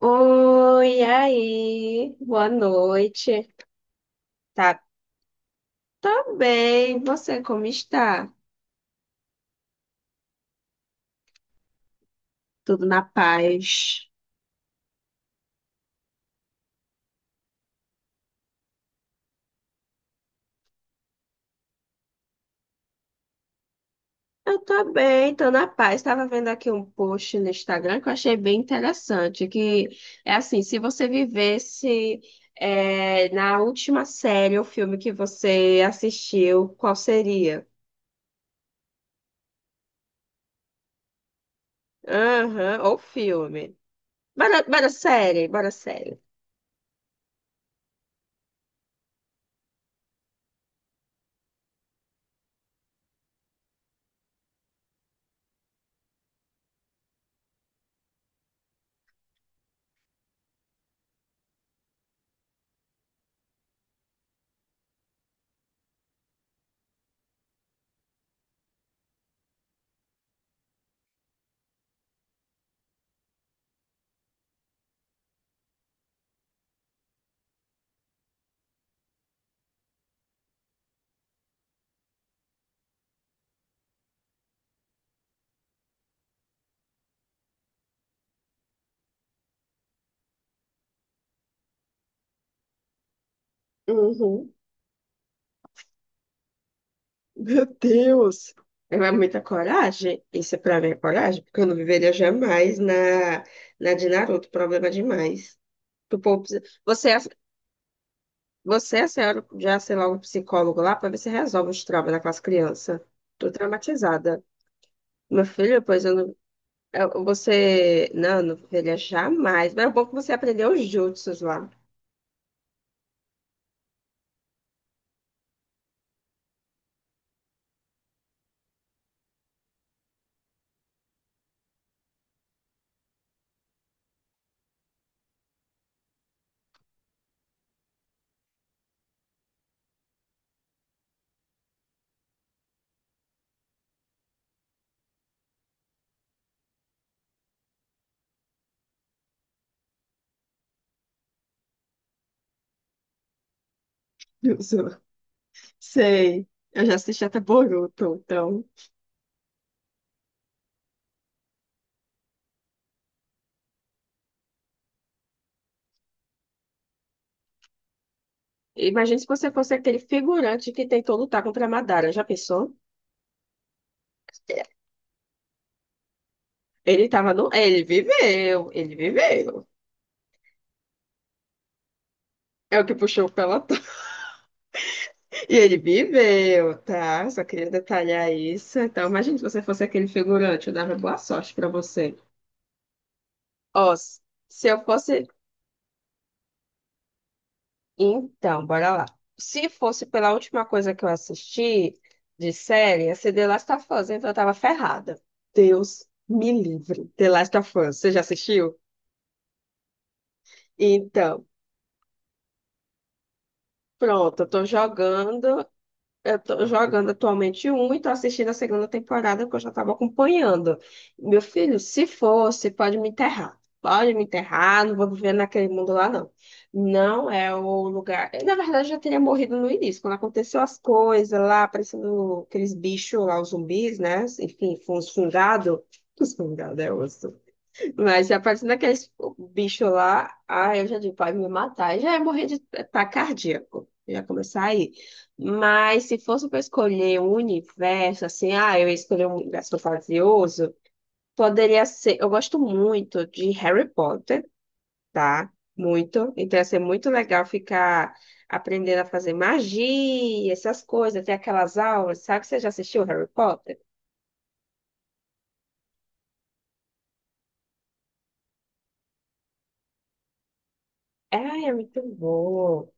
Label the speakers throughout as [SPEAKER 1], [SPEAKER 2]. [SPEAKER 1] Oi, aí, boa noite. Tá, tô bem. Você como está? Tudo na paz? Eu tô bem, tô na paz. Estava vendo aqui um post no Instagram que eu achei bem interessante, que é assim, se você vivesse é, na última série ou filme que você assistiu, qual seria? Aham, ou filme. Bora, bora série, bora série. Uhum. Meu Deus! É muita coragem. Isso é pra mim é coragem, porque eu não viveria jamais na de Naruto. Problema demais. Tu pô, psi- você, é a senhora, já, sei lá, um psicólogo lá pra ver se resolve os traumas daquelas crianças. Tô traumatizada. Meu filho, pois eu não. eu- Você. Não, eu não viveria jamais. Mas é bom que você aprendeu os jutsus lá. Jutsu. Sei. Eu já assisti até Boruto, então. Imagina se você fosse aquele figurante que tentou lutar contra a Madara. Já pensou? Ele tava no. Ele viveu, ele viveu. É o que puxou o pelotão. E ele viveu, tá? Só queria detalhar isso. Então, imagina se você fosse aquele figurante. Eu dava boa sorte pra você. Ó, se eu fosse. Então, bora lá. Se fosse pela última coisa que eu assisti de série, ia ser The Last of Us, então eu tava ferrada. Deus me livre. The Last of Us, você já assistiu? Então. Pronto, eu tô jogando atualmente um e tô assistindo a segunda temporada que eu já estava acompanhando. Meu filho, se fosse, pode me enterrar. Pode me enterrar, não vou viver naquele mundo lá, não. Não é o lugar. Eu, na verdade, já teria morrido no início, quando aconteceu as coisas lá, aparecendo aqueles bichos lá, os zumbis, né? Enfim, foi uns fungados. Os fungados, é osso. Mas a partir daqueles bicho lá, ah, eu já digo, vai me matar. Já ia morrer de ataque cardíaco. Já começar aí. Mas se fosse para escolher um universo, assim, ah, eu ia escolher um universo fantasioso, poderia ser. Eu gosto muito de Harry Potter, tá? Muito. Então ia ser muito legal ficar aprendendo a fazer magia, essas coisas, ter aquelas aulas, sabe? Você já assistiu Harry Potter? É, é muito bom.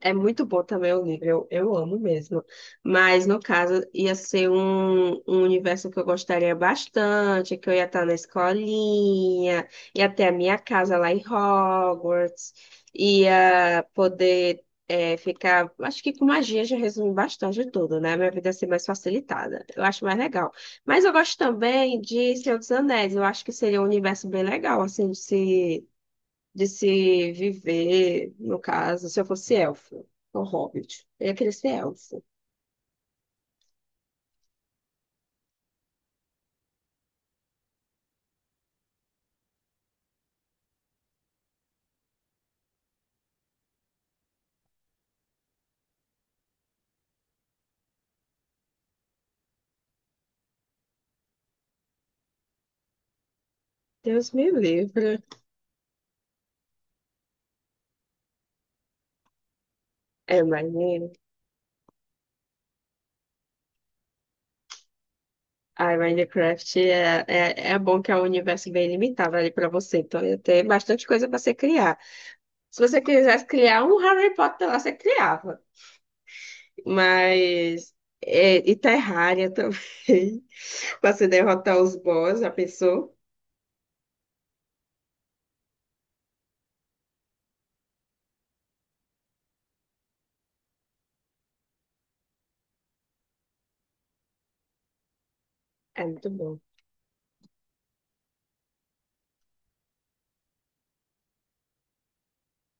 [SPEAKER 1] É muito bom também o livro, eu amo mesmo. Mas, no caso, ia ser um universo que eu gostaria bastante, que eu ia estar na escolinha, ia ter a minha casa lá em Hogwarts, ia poder ficar. Acho que com magia já resume bastante tudo, né? Minha vida ia ser mais facilitada. Eu acho mais legal. Mas eu gosto também de Senhor dos Anéis, eu acho que seria um universo bem legal, assim, de se viver, no caso, se eu fosse elfo, ou hobbit, eu ia querer ser elfo. Deus me livre. É, mas, né. Ai, Minecraft é bom que é um universo bem limitado ali para você, então ia ter bastante coisa para você criar. Se você quisesse criar um Harry Potter lá, você criava. Mas. É, e Terraria também, para você derrotar os boss, já pensou? É muito bom.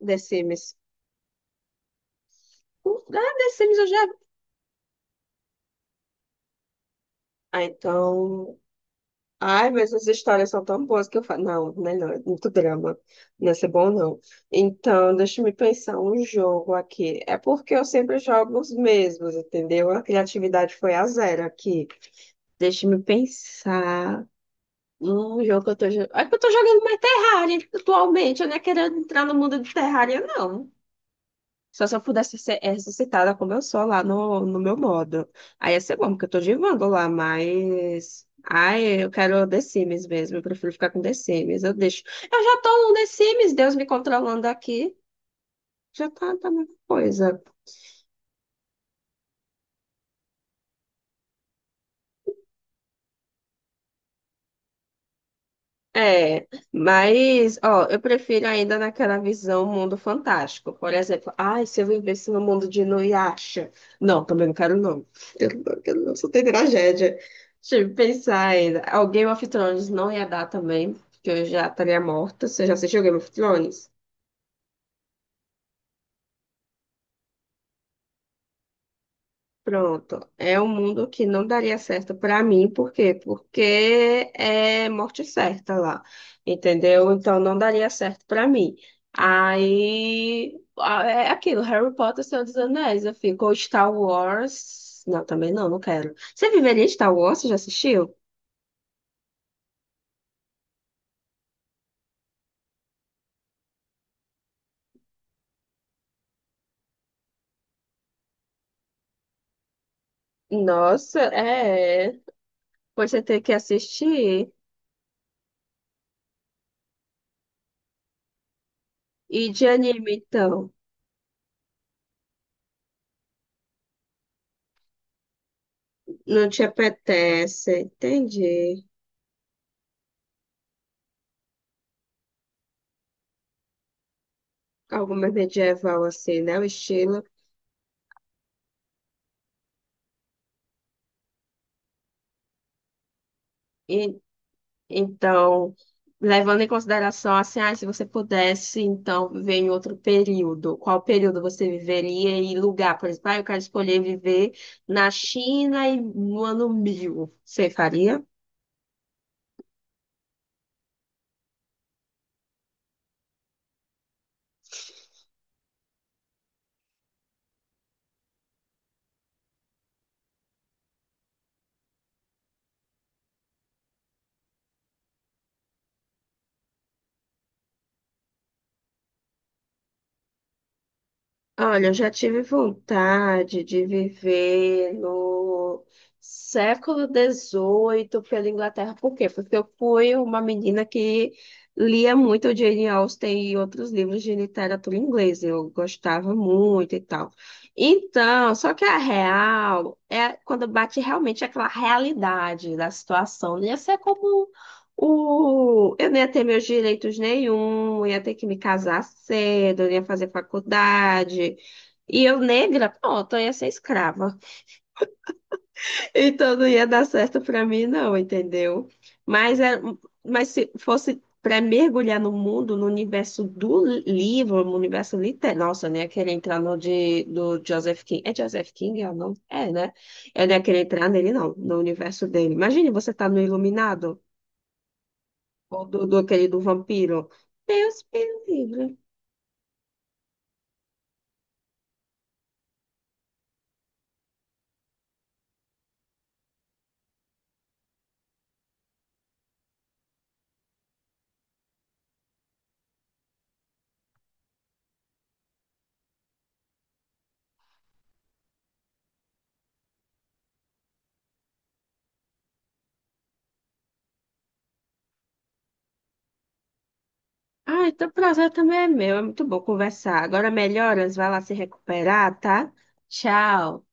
[SPEAKER 1] The Sims. Ah, The Sims eu já. Ah, então. Ai, mas as histórias são tão boas que eu falo. Não, melhor, é muito drama. Não ia ser bom, não. Então, deixa eu me pensar um jogo aqui. É porque eu sempre jogo os mesmos, entendeu? A criatividade foi a zero aqui. Deixa eu me pensar. Um jogo que eu tô jogando. É que eu tô jogando mais Terraria atualmente. Eu não é querendo entrar no mundo de Terraria, não. Só se eu pudesse ser ressuscitada como eu sou lá no meu modo. Aí ia ser bom, porque eu tô de Wanda lá, mas. Ai, eu quero The Sims mesmo. Eu prefiro ficar com The Sims. Eu deixo. Eu já tô no The Sims, Deus me controlando aqui. Já tá, tá a mesma coisa. É, mas, ó, eu prefiro ainda naquela visão mundo fantástico. Por exemplo, ai, se eu vivesse no mundo de Inuyasha. Não, também não quero não. Eu não, quero não, só tem tragédia. Deixa eu pensar ainda. Ó, Game of Thrones não ia dar também, porque eu já estaria morta. Você já assistiu Game of Thrones? Pronto, é um mundo que não daria certo para mim, por quê? Porque é morte certa lá, entendeu? Então não daria certo para mim. Aí é aquilo, Harry Potter, Senhor dos Anéis, eu fico, ou Star Wars. Não, também não, não quero. Você viveria em Star Wars? Você já assistiu? Nossa, é. Pois você tem que assistir. E de anime, então? Não te apetece, entendi. Alguma medieval assim, né? O estilo. Então, levando em consideração assim, ah, se você pudesse, então, viver em outro período, qual período você viveria e lugar? Por exemplo, ah, eu quero escolher viver na China e no ano 1000. Você faria? Olha, eu já tive vontade de viver no século XVIII pela Inglaterra. Por quê? Porque eu fui uma menina que lia muito Jane Austen e outros livros de literatura inglesa. Eu gostava muito e tal. Então, só que a real é quando bate realmente aquela realidade da situação. Não ia ser como o. Eu não ia ter meus direitos nenhum, eu ia ter que me casar cedo, eu ia fazer faculdade. E eu, negra, pronto, eu ia ser escrava. Então não ia dar certo pra mim, não, entendeu? Mas, é... Mas se fosse para mergulhar no mundo, no universo do livro, no universo literário, nossa, eu nem ia querer entrar no de... do Joseph King. É Joseph King? É o nome? É, né? Eu não ia querer entrar nele, não, no universo dele. Imagine você tá no Iluminado. Ou do aquele do vampiro. Deus me livre. Ah, então o prazer também é meu. É muito bom conversar. Agora melhoras, vai lá se recuperar, tá? Tchau.